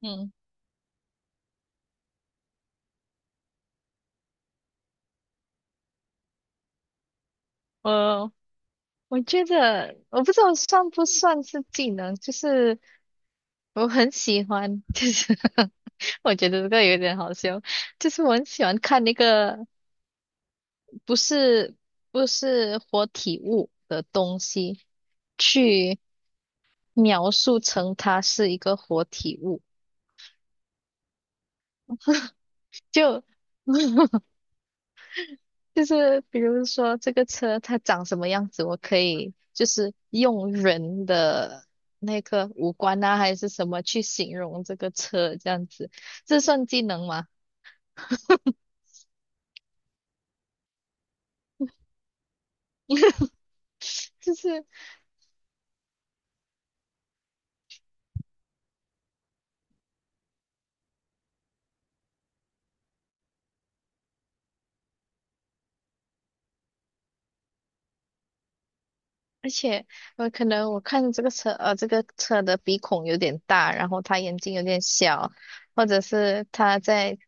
嗯，我我觉得我不知道算不算是技能，就是我很喜欢，就是 我觉得这个有点好笑，就是我很喜欢看那个不是不是活体物的东西，去描述成它是一个活体物，就 就是比如说这个车它长什么样子，我可以就是用人的那个五官啊，还是什么去形容这个车这样子，这算技能吗？就是。而且我可能我看这个车，这个车的鼻孔有点大，然后他眼睛有点小，或者是他在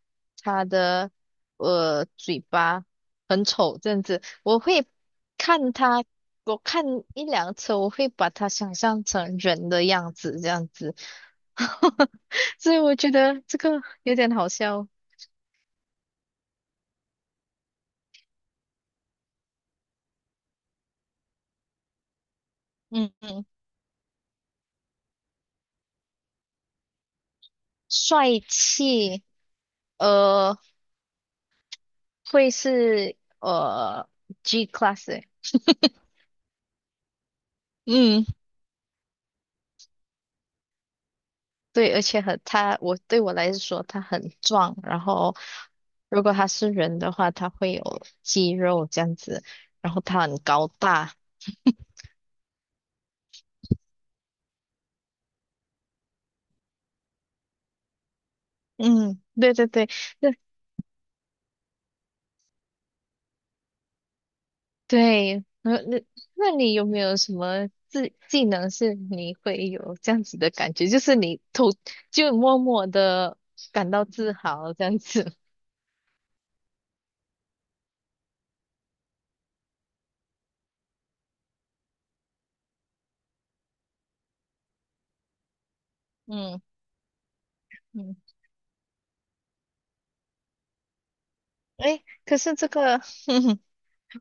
他的嘴巴很丑这样子，我会看他，我看一辆车，我会把它想象成人的样子这样子，所以我觉得这个有点好笑。嗯嗯，帅气，呃，会是G class 欸嗯。对，而且很他，我对我来说他很壮，然后如果他是人的话，他会有肌肉这样子，然后他很高大。嗯，对对对，那对，那你有没有什么技能是你会有这样子的感觉，就是你偷就默默的感到自豪这样子？嗯嗯，诶，可是这个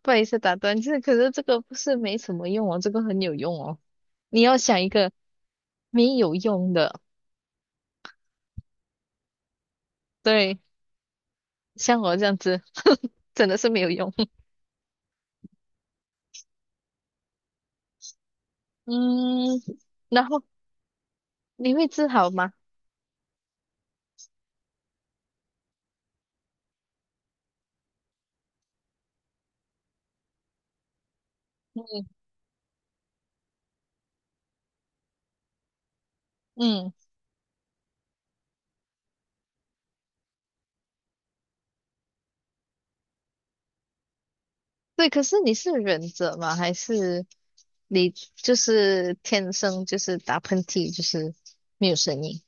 不好意思打断，就是可是这个不是没什么用哦，这个很有用哦。你要想一个没有用的，对，像我这样子，真的是没有用。嗯，然后你会治好吗？嗯，对，可是你是忍者吗？还是你就是天生就是打喷嚏就是没有声音？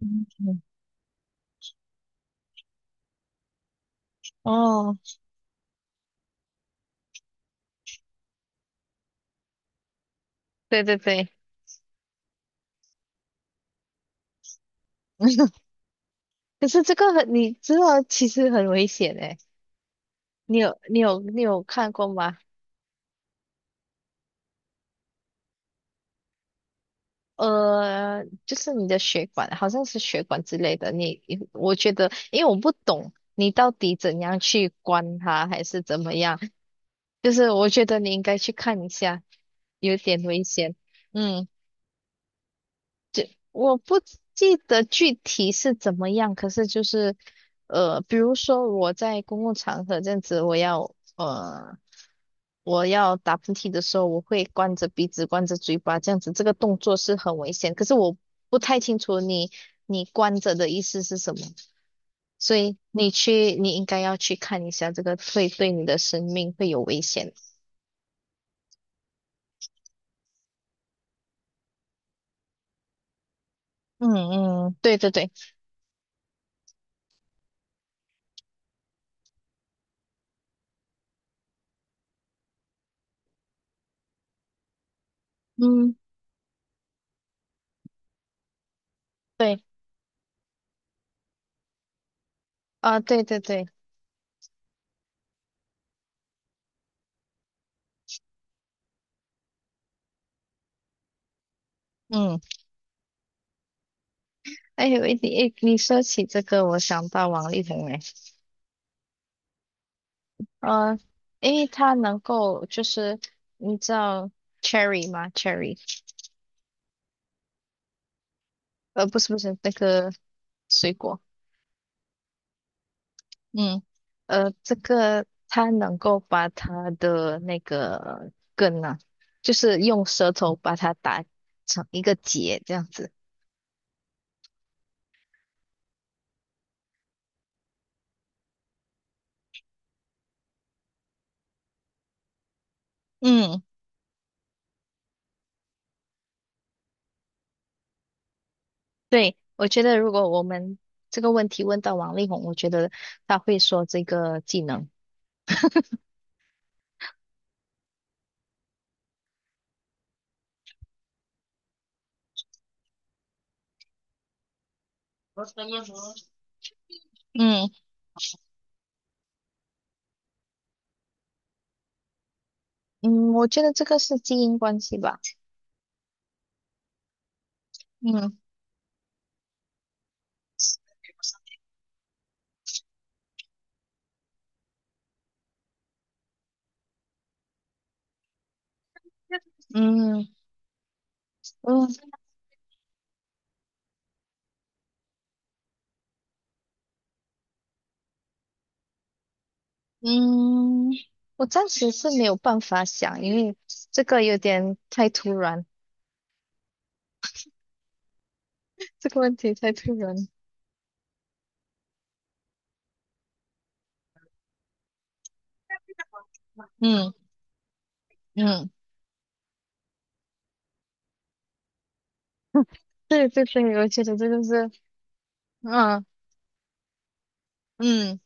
嗯嗯哦，对对对，可是这个很，你知道其实很危险诶。你有看过吗？就是你的血管，好像是血管之类的。你，我觉得，因为我不懂你到底怎样去关它，还是怎么样，就是我觉得你应该去看一下，有点危险。嗯。我不记得具体是怎么样，可是就是，比如说我在公共场合这样子，我要打喷嚏的时候，我会关着鼻子、关着嘴巴，这样子，这个动作是很危险。可是我不太清楚你关着的意思是什么，所以你应该要去看一下，这个会对你的生命会有危险。嗯嗯，对对对，嗯对啊，对对对，嗯。哎，有一点，哎，你说起这个，我想到王力宏哎，呃，因为他能够就是你知道 cherry 吗？cherry,不是那个水果，嗯，这个他能够把他的那个根啊，就是用舌头把它打成一个结这样子。嗯，对，我觉得如果我们这个问题问到王力宏，我觉得他会说这个技能。嗯嗯，我觉得这个是基因关系吧。嗯嗯嗯嗯，我暂时是没有办法想，因为这个有点太突然，这个问题太突然。嗯嗯，对对对，我觉得这个是，嗯嗯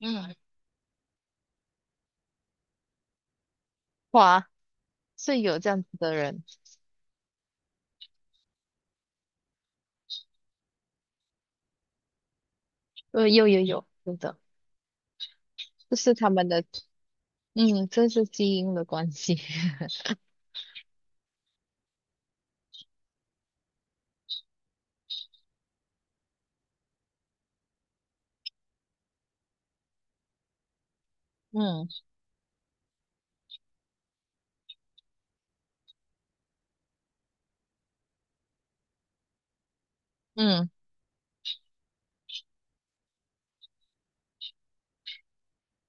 嗯，哇，是有这样子的人，有有有，有的，这是他们的，嗯，这是基因的关系。嗯嗯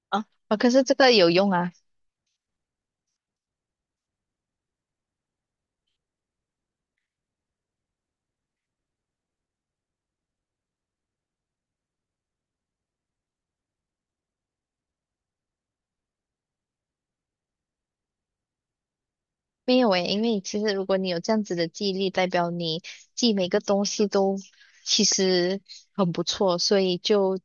啊啊，可是这个有用啊。没有诶，因为其实如果你有这样子的记忆力，代表你记每个东西都其实很不错，所以就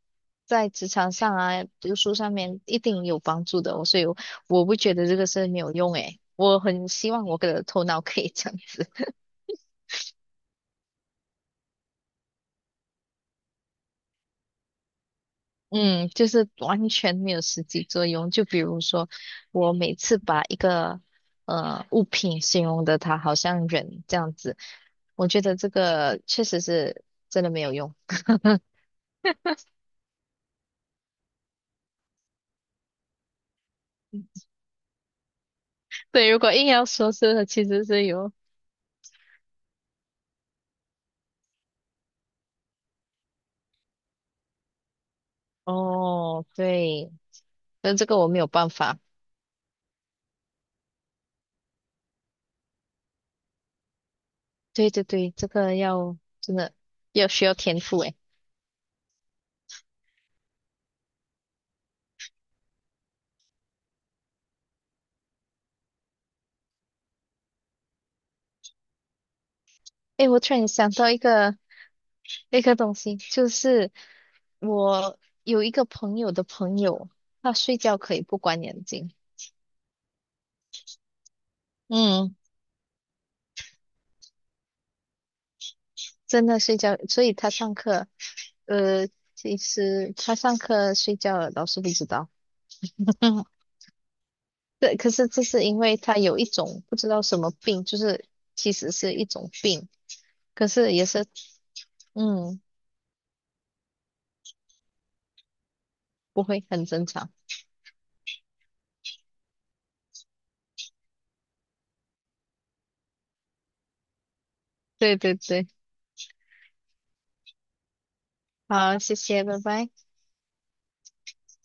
在职场上啊、读书上面一定有帮助的哦。所以我，我不觉得这个是没有用诶，我很希望我的头脑可以这样子，嗯，就是完全没有实际作用。就比如说，我每次把一个物品形容的它好像人这样子，我觉得这个确实是真的没有用。对，如果硬要说是其实是有，哦，对，但这个我没有办法。对对对，这个要真的要需要天赋诶。诶，我突然想到一个东西，就是我有一个朋友的朋友，他睡觉可以不关眼睛，嗯，真的睡觉，所以他上课，呃，其实他上课睡觉了，老师不知道。对，可是这是因为他有一种不知道什么病，就是其实是一种病，可是也是，嗯，不会，很正常。对对对，好，谢谢，拜拜。